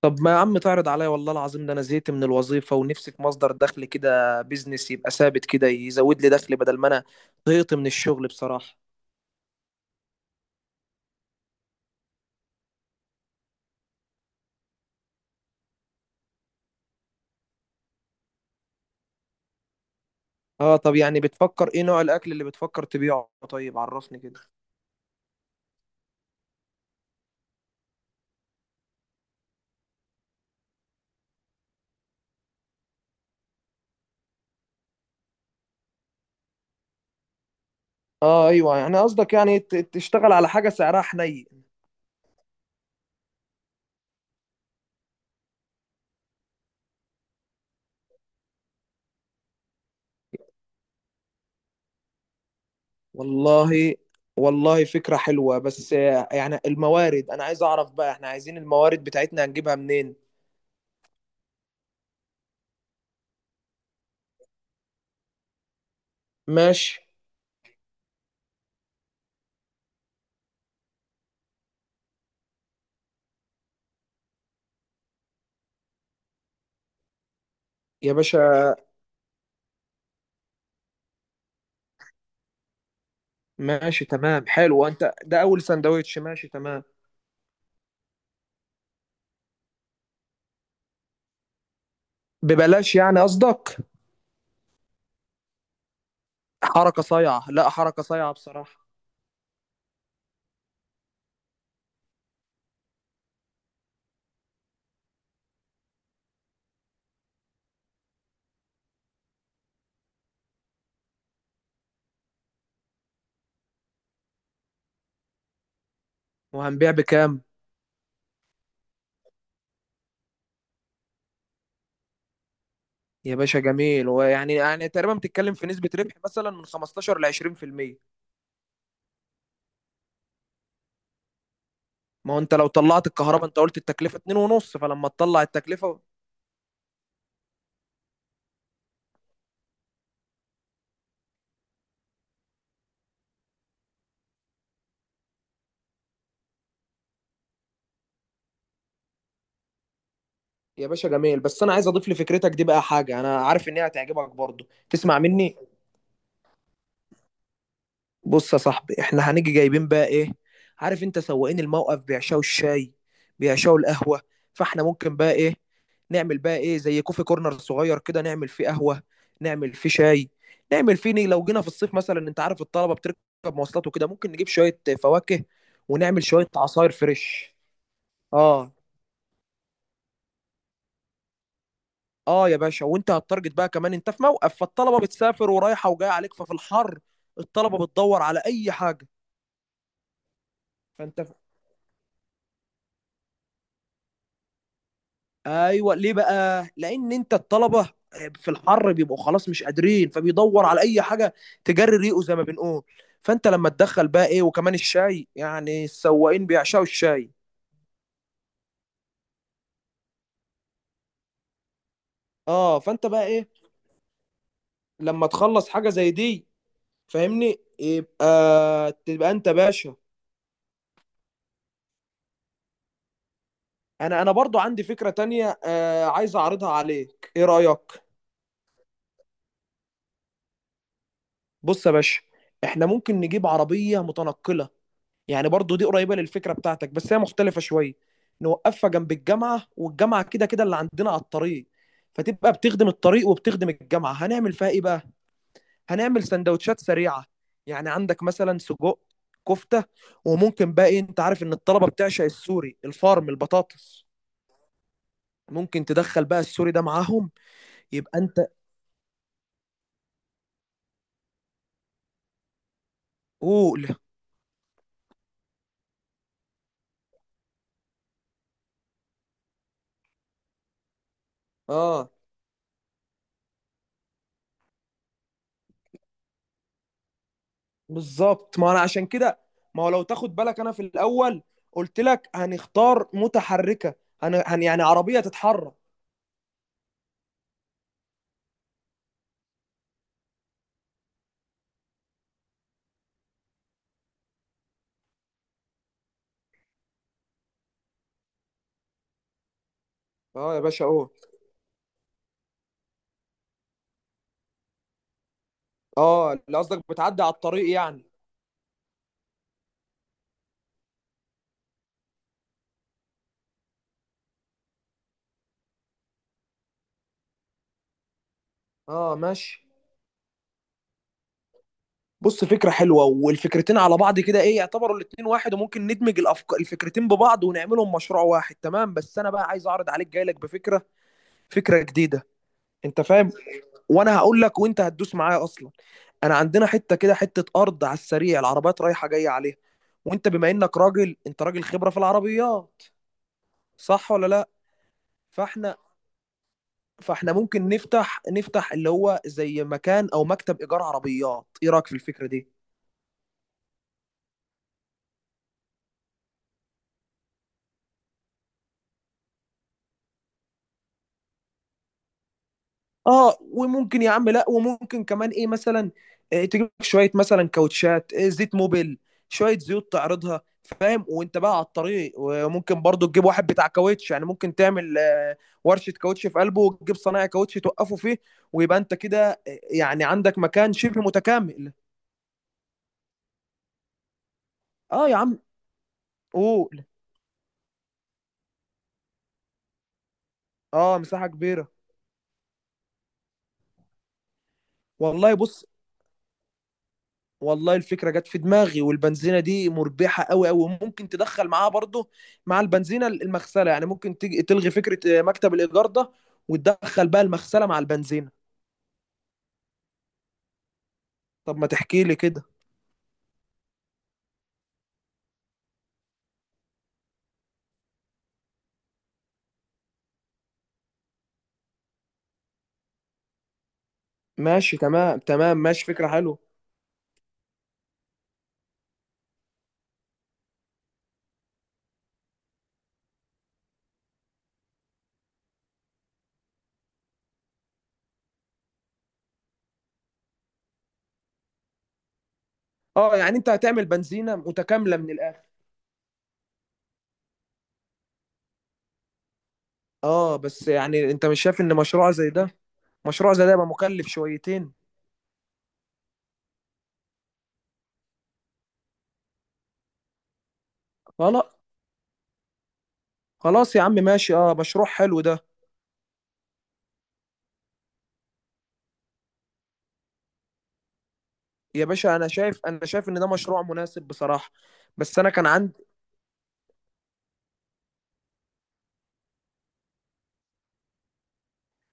طب ما يا عم تعرض عليا، والله العظيم ده انا زهقت من الوظيفه ونفسي في مصدر دخل كده، بيزنس يبقى ثابت كده يزود لي دخل بدل ما انا طهقت من الشغل بصراحه. اه طب يعني بتفكر ايه، نوع الاكل اللي بتفكر تبيعه؟ طيب عرفني كده. اه ايوه، يعني قصدك يعني تشتغل على حاجه سعرها حنين. والله والله فكره حلوه، بس يعني الموارد انا عايز اعرف بقى، احنا عايزين الموارد بتاعتنا هنجيبها منين؟ ماشي. يا باشا ماشي تمام، حلو، انت ده اول سندوتش ماشي تمام. ببلاش يعني قصدك؟ حركة صايعة، لا حركة صايعة بصراحة. وهنبيع بكام؟ يا باشا جميل، ويعني يعني تقريبا بتتكلم في نسبة ربح مثلا من 15 ل 20%. ما هو انت لو طلعت الكهرباء، انت قلت التكلفة 2 ونص، فلما تطلع التكلفة. يا باشا جميل، بس انا عايز اضيف لفكرتك دي بقى حاجة انا عارف ان هي هتعجبك برضو. تسمع مني؟ بص يا صاحبي، احنا هنيجي جايبين بقى ايه؟ عارف انت سواقين الموقف بيعشوا الشاي، بيعشوا القهوة. فاحنا ممكن بقى ايه، نعمل بقى ايه زي كوفي كورنر صغير كده، نعمل فيه قهوة، نعمل فيه شاي، نعمل فيه لو جينا في الصيف مثلا، انت عارف الطلبة بتركب مواصلات وكده، ممكن نجيب شوية فواكه ونعمل شوية عصاير فريش. اه اه يا باشا، وانت هتارجت بقى كمان، انت في موقف، فالطلبة بتسافر ورايحة وجاية عليك، ففي الحر الطلبة بتدور على اي حاجة. فانت ايوه، ليه بقى؟ لان انت الطلبه في الحر بيبقوا خلاص مش قادرين، فبيدور على اي حاجه تجري ريقه زي ما بنقول. فانت لما تدخل بقى ايه، وكمان الشاي، يعني السواقين بيعشقوا الشاي. اه فانت بقى ايه لما تخلص حاجه زي دي، فاهمني؟ يبقى تبقى انت باشا. انا برضو عندي فكره تانية آه، عايز اعرضها عليك، ايه رايك؟ بص يا باشا، احنا ممكن نجيب عربيه متنقله، يعني برضو دي قريبه للفكره بتاعتك، بس هي مختلفه شويه. نوقفها جنب الجامعه، والجامعه كده كده اللي عندنا على الطريق، فتبقى بتخدم الطريق وبتخدم الجامعه. هنعمل فيها ايه بقى؟ هنعمل سندوتشات سريعه، يعني عندك مثلا سجق، كفته، وممكن بقى ايه، انت عارف ان الطلبه بتعشق السوري الفارم البطاطس، ممكن تدخل بقى السوري ده معاهم. يبقى انت قول. اه بالظبط، ما انا عشان كده، ما هو لو تاخد بالك انا في الاول قلت لك هنختار متحركه، يعني عربيه تتحرك. اه يا باشا اهو. اه اللي قصدك بتعدي على الطريق يعني. اه ماشي. بص فكره حلوه، والفكرتين على بعض كده ايه، يعتبروا الاتنين واحد، وممكن ندمج الافكار، الفكرتين ببعض ونعملهم مشروع واحد تمام. بس انا بقى عايز اعرض عليك، جاي لك بفكره، فكره جديده. انت فاهم، وانا هقول لك وانت هتدوس معايا اصلا. انا عندنا حته كده، حته ارض على السريع، العربيات رايحه جايه عليها، وانت بما انك راجل، انت راجل خبره في العربيات، صح ولا لا؟ فاحنا فاحنا ممكن نفتح اللي هو زي مكان او مكتب ايجار عربيات، ايه رايك في الفكره دي؟ اه وممكن يا عم، لا وممكن كمان ايه مثلا تجيب لك شويه مثلا كاوتشات، زيت موبيل، شويه زيوت تعرضها، فاهم، وانت بقى على الطريق، وممكن برضو تجيب واحد بتاع كاوتش، يعني ممكن تعمل ورشه كاوتش في قلبه، وتجيب صنايعي كاوتش توقفه فيه، ويبقى انت كده يعني عندك مكان شبه متكامل. اه يا عم قول. اه مساحه كبيره. والله بص، والله الفكرة جت في دماغي، والبنزينة دي مربحة قوي قوي، ممكن تدخل معاها برضه، مع البنزينة المغسلة، يعني ممكن تيجي تلغي فكرة مكتب الإيجار ده، وتدخل بقى المغسلة مع البنزينة. طب ما تحكي لي كده. ماشي تمام تمام ماشي، فكرة حلوة. اه يعني انت هتعمل بنزينة متكاملة من الآخر. اه بس يعني انت مش شايف ان مشروع زي ده، مشروع زي ده يبقى مكلف شويتين. خلاص خلاص يا عم ماشي، اه مشروع حلو ده. يا باشا انا شايف، انا شايف ان ده مشروع مناسب بصراحة، بس انا كان عندي.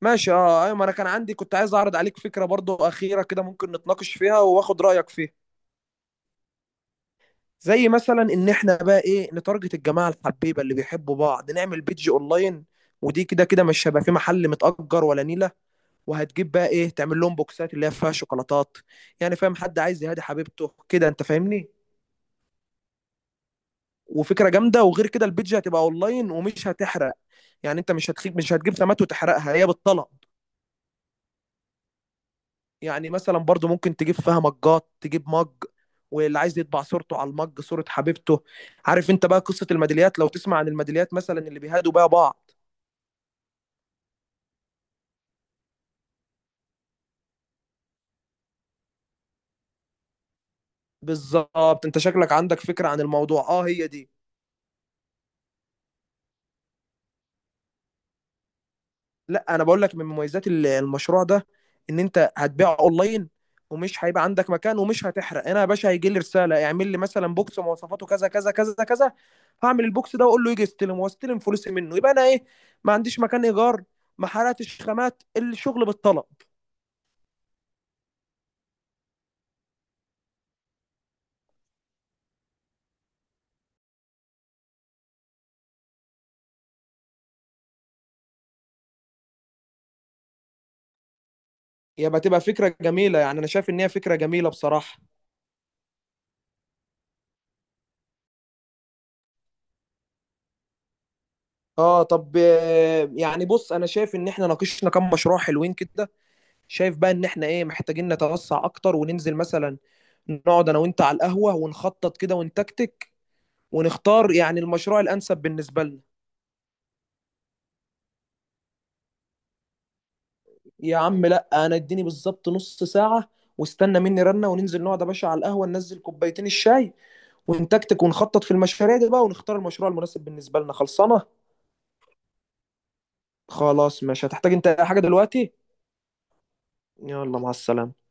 ماشي اه ايوه، ما انا كان عندي، كنت عايز اعرض عليك فكره برضو اخيره كده، ممكن نتناقش فيها واخد رايك فيها. زي مثلا ان احنا بقى ايه، نتارجت الجماعه الحبيبه اللي بيحبوا بعض، نعمل بيدج اونلاين، ودي كده كده مش هيبقى في محل متأجر ولا نيله. وهتجيب بقى ايه، تعمل لهم بوكسات اللي هي فيها شوكولاتات، يعني فاهم، حد عايز يهادي حبيبته كده، انت فاهمني. وفكره جامده، وغير كده البيدج هتبقى اونلاين ومش هتحرق، يعني انت مش هتخيب، مش هتجيب خامات وتحرقها، هي بالطلب. يعني مثلا برضو ممكن تجيب فيها مجات، تجيب مج، واللي عايز يطبع صورته على المج، صورة حبيبته. عارف انت بقى قصة الميداليات، لو تسمع عن الميداليات مثلا اللي بيهادوا بيها بعض. بالظبط، انت شكلك عندك فكرة عن الموضوع، اه هي دي. لا انا بقول لك من مميزات المشروع ده، ان انت هتبيع اونلاين، ومش هيبقى عندك مكان، ومش هتحرق. انا يا باشا هيجي لي رساله اعمل لي مثلا بوكس مواصفاته كذا كذا كذا كذا، هعمل البوكس ده واقول له يجي يستلم، واستلم فلوسي منه، يبقى انا ايه، ما عنديش مكان ايجار، ما حرقتش خامات، الشغل بالطلب. يبقى تبقى فكره جميله، يعني انا شايف ان هي فكره جميله بصراحه. اه طب يعني بص، انا شايف ان احنا ناقشنا كام مشروع حلوين كده، شايف بقى ان احنا ايه محتاجين نتوسع اكتر، وننزل مثلا نقعد انا وانت على القهوة ونخطط كده، ونتكتك، ونختار يعني المشروع الانسب بالنسبة لنا. يا عم لا، انا اديني بالظبط نص ساعة، واستنى مني رنة، وننزل نقعد يا باشا على القهوة، ننزل كوبايتين الشاي، ونتكتك ونخطط في المشاريع دي بقى، ونختار المشروع المناسب بالنسبة لنا، خلصانة. خلاص مش هتحتاج انت أي حاجة دلوقتي. يلا مع السلامة.